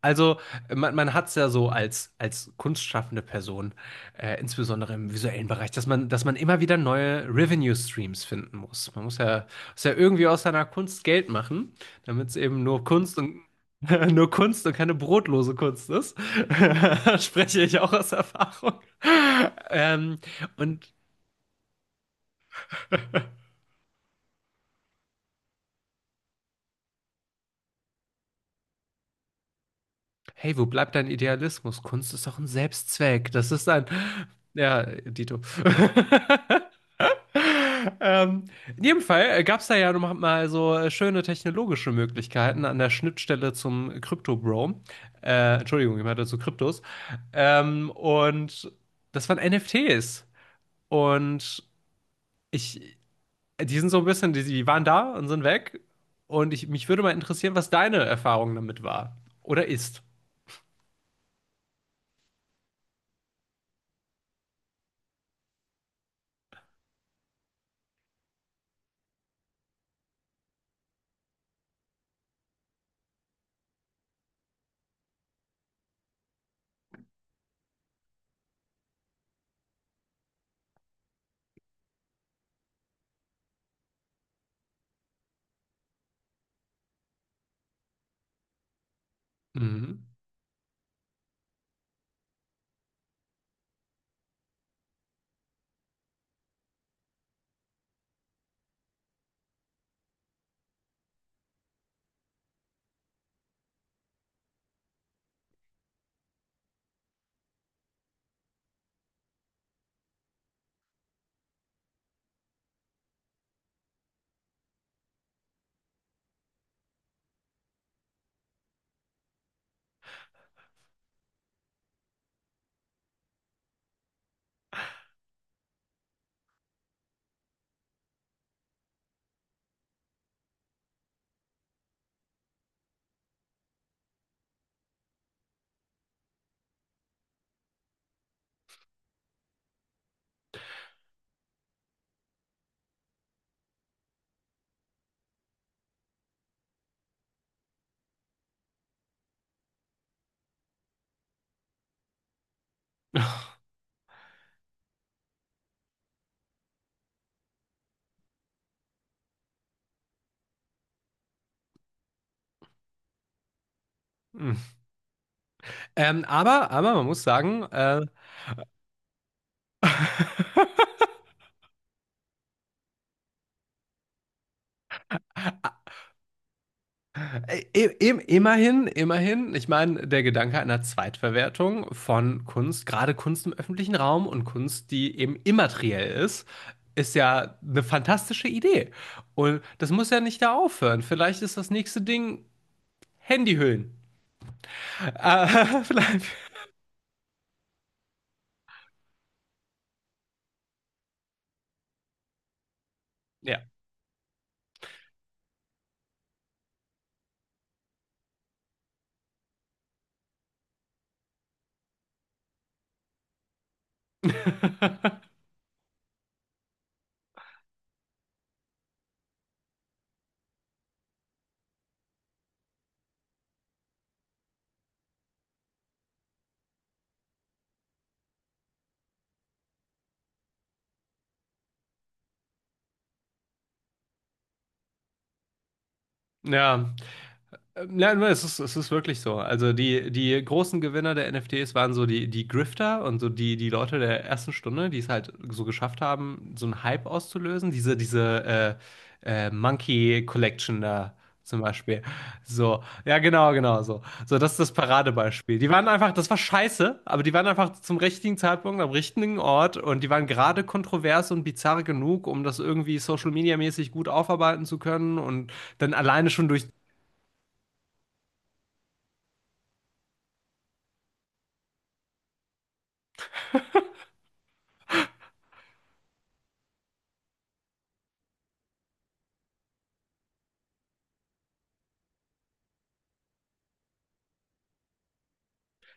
Also man hat es ja so als kunstschaffende Person, insbesondere im visuellen Bereich, dass man, immer wieder neue Revenue-Streams finden muss. Man muss ja, irgendwie aus seiner Kunst Geld machen, damit es eben nur Kunst und nur Kunst und keine brotlose Kunst ist. Spreche ich auch aus Erfahrung. Ähm, und Hey, wo bleibt dein Idealismus? Kunst ist doch ein Selbstzweck. Das ist ein. Ja, Dito. Ähm, in jedem Fall gab es da ja noch mal so schöne technologische Möglichkeiten an der Schnittstelle zum Crypto-Bro. Entschuldigung, ich meinte zu Kryptos. Und das waren NFTs. Und ich, Die sind so ein bisschen, die waren da und sind weg. Und ich, mich würde mal interessieren, was deine Erfahrung damit war. Oder ist. Mhm. Hm. Aber man muss sagen, immerhin, ich meine, der Gedanke einer Zweitverwertung von Kunst, gerade Kunst im öffentlichen Raum und Kunst, die eben immateriell ist, ist ja eine fantastische Idee. Und das muss ja nicht da aufhören. Vielleicht ist das nächste Ding Handyhüllen. Äh, vielleicht, ja. Ja. Ja, nur, es ist, wirklich so. Also die großen Gewinner der NFTs waren so die Grifter und so die Leute der ersten Stunde, die es halt so geschafft haben, so einen Hype auszulösen. Diese Monkey Collection da zum Beispiel. So, ja, genau, genau so. So, das ist das Paradebeispiel. Die waren einfach, das war scheiße, aber die waren einfach zum richtigen Zeitpunkt am richtigen Ort und die waren gerade kontrovers und bizarr genug, um das irgendwie Social Media mäßig gut aufarbeiten zu können und dann alleine schon durch.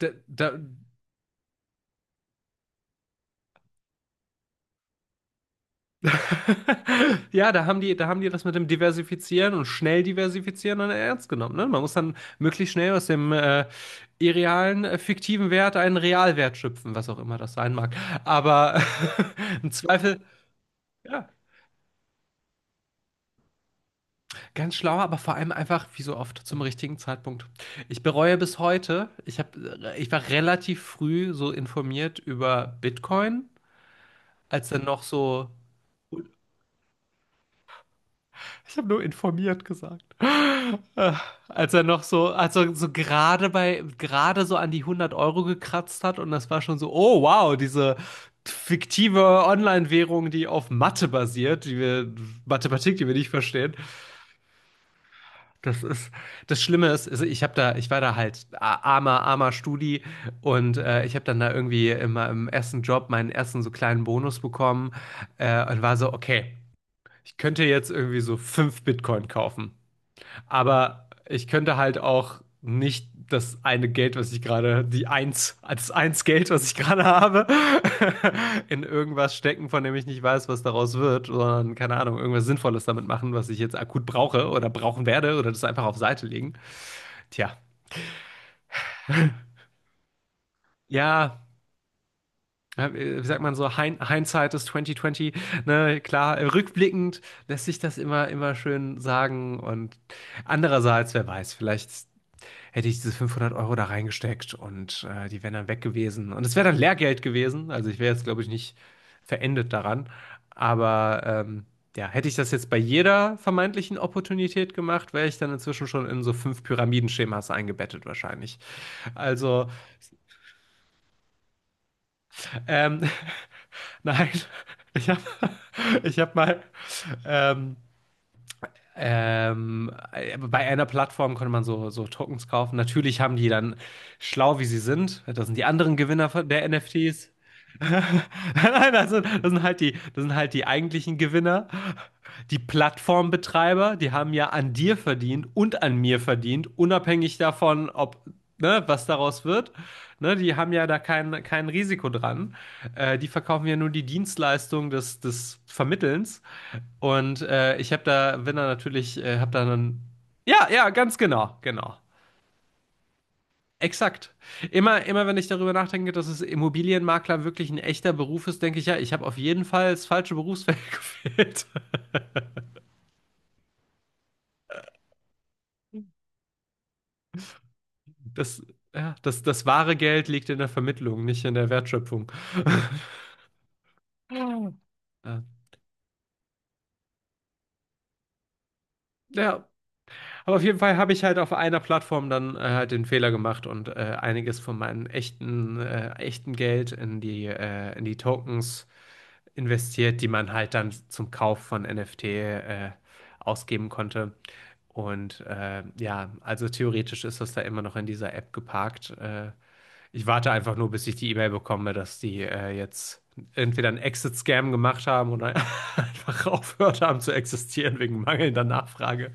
Da, da, Ja, da haben die, das mit dem Diversifizieren und schnell diversifizieren dann ernst genommen. Ne? Man muss dann möglichst schnell aus dem irrealen, fiktiven Wert einen Realwert schöpfen, was auch immer das sein mag. Aber im Zweifel, ja, ganz schlau, aber vor allem einfach, wie so oft, zum richtigen Zeitpunkt. Ich bereue bis heute, ich war relativ früh so informiert über Bitcoin, als dann noch so, ich habe nur informiert gesagt. Äh, als er so gerade bei, gerade so an die 100 Euro gekratzt hat und das war schon so, oh wow, diese fiktive Online-Währung, die auf Mathe basiert, Mathematik, die wir nicht verstehen. Das ist, Das Schlimme ist, ich war da halt armer, armer Studi und ich habe dann da irgendwie immer im ersten Job meinen ersten so kleinen Bonus bekommen und war so, okay, ich könnte jetzt irgendwie so 5 Bitcoin kaufen. Aber ich könnte halt auch nicht das eine Geld, was ich gerade, die eins, das eins Geld, was ich gerade habe, in irgendwas stecken, von dem ich nicht weiß, was daraus wird, sondern keine Ahnung, irgendwas Sinnvolles damit machen, was ich jetzt akut brauche oder brauchen werde oder das einfach auf Seite legen. Tja, ja. Wie sagt man so, Hindsight ist 2020, ne, klar, rückblickend lässt sich das immer, immer schön sagen und andererseits, wer weiß, vielleicht hätte ich diese 500 Euro da reingesteckt und die wären dann weg gewesen. Und es wäre dann Lehrgeld gewesen. Also ich wäre jetzt, glaube ich, nicht verendet daran. Aber ja, hätte ich das jetzt bei jeder vermeintlichen Opportunität gemacht, wäre ich dann inzwischen schon in so fünf Pyramidenschemas eingebettet wahrscheinlich. Also, ähm, nein, ich habe ich hab mal... Ähm, Bei einer Plattform konnte man so Tokens kaufen. Natürlich haben die dann, schlau wie sie sind, das sind die anderen Gewinner der NFTs. Nein, das sind halt die eigentlichen Gewinner. Die Plattformbetreiber, die haben ja an dir verdient und an mir verdient, unabhängig davon, ob, ne, was daraus wird. Ne, die haben ja da kein Risiko dran. Die verkaufen ja nur die Dienstleistung des Vermittelns. Und ich habe da, bin da natürlich, habe da dann. Ja, ja, ganz genau, genau. Exakt. Immer wenn ich darüber nachdenke, dass es Immobilienmakler wirklich ein echter Beruf ist, denke ich, ja, ich habe auf jeden Fall das falsche Berufsfeld gewählt. Das, ja, das wahre Geld liegt in der Vermittlung, nicht in der Wertschöpfung. Ja, aber auf jeden Fall habe ich halt auf einer Plattform dann halt den Fehler gemacht und einiges von meinem echten Geld in die Tokens investiert, die man halt dann zum Kauf von NFT ausgeben konnte. Und ja, also theoretisch ist das da immer noch in dieser App geparkt. Ich warte einfach nur, bis ich die E-Mail bekomme, dass die jetzt entweder einen Exit-Scam gemacht haben oder einfach aufgehört haben zu existieren wegen mangelnder Nachfrage.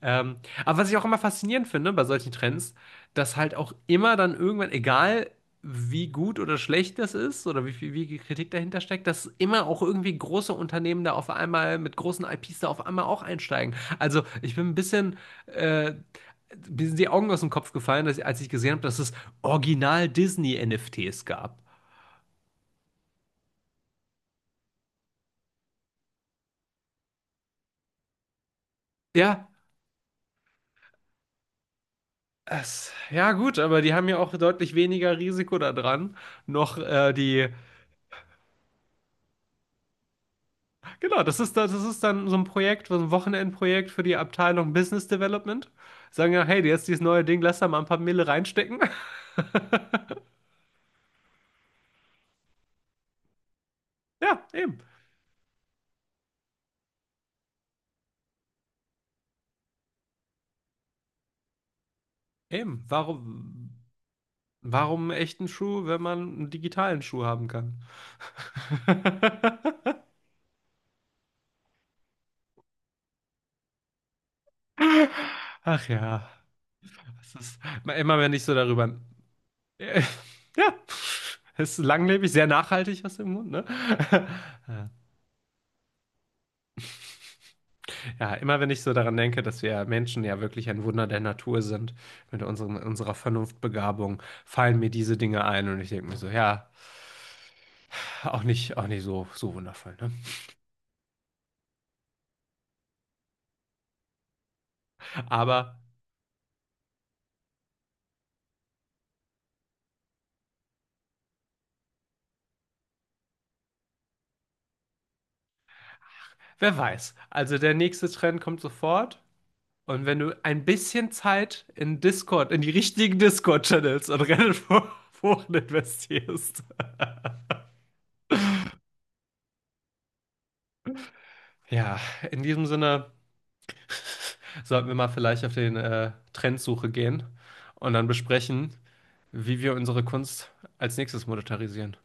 Ähm, aber was ich auch immer faszinierend finde bei solchen Trends, dass halt auch immer dann irgendwann, egal wie gut oder schlecht das ist oder wie viel Kritik dahinter steckt, dass immer auch irgendwie große Unternehmen da auf einmal mit großen IPs da auf einmal auch einsteigen. Also ich bin ein bisschen, äh, Mir sind die Augen aus dem Kopf gefallen, dass, als ich gesehen habe, dass es Original Disney-NFTs gab. Ja. Ja gut, aber die haben ja auch deutlich weniger Risiko da dran, noch die Genau, das ist dann so ein Projekt, so ein Wochenendprojekt für die Abteilung Business Development. Sagen ja, hey, jetzt dieses neue Ding, lass da mal ein paar Mille reinstecken. Ja, eben. Eben. Warum einen echten Schuh, wenn man einen digitalen Schuh haben kann? Ach ja, es ist immer, wenn ich so darüber. Ja, es ist langlebig, sehr nachhaltig aus dem Grund, ne? Ja, immer wenn ich so daran denke, dass wir Menschen ja wirklich ein Wunder der Natur sind, mit unseren, unserer Vernunftbegabung, fallen mir diese Dinge ein und ich denke mir so, ja, auch nicht so, so wundervoll, ne? Aber wer weiß. Also der nächste Trend kommt sofort und wenn du ein bisschen Zeit in Discord, in die richtigen Discord-Channels und Reddit-Foren investierst. Ja, in diesem Sinne sollten wir mal vielleicht auf den Trendsuche gehen und dann besprechen, wie wir unsere Kunst als nächstes monetarisieren.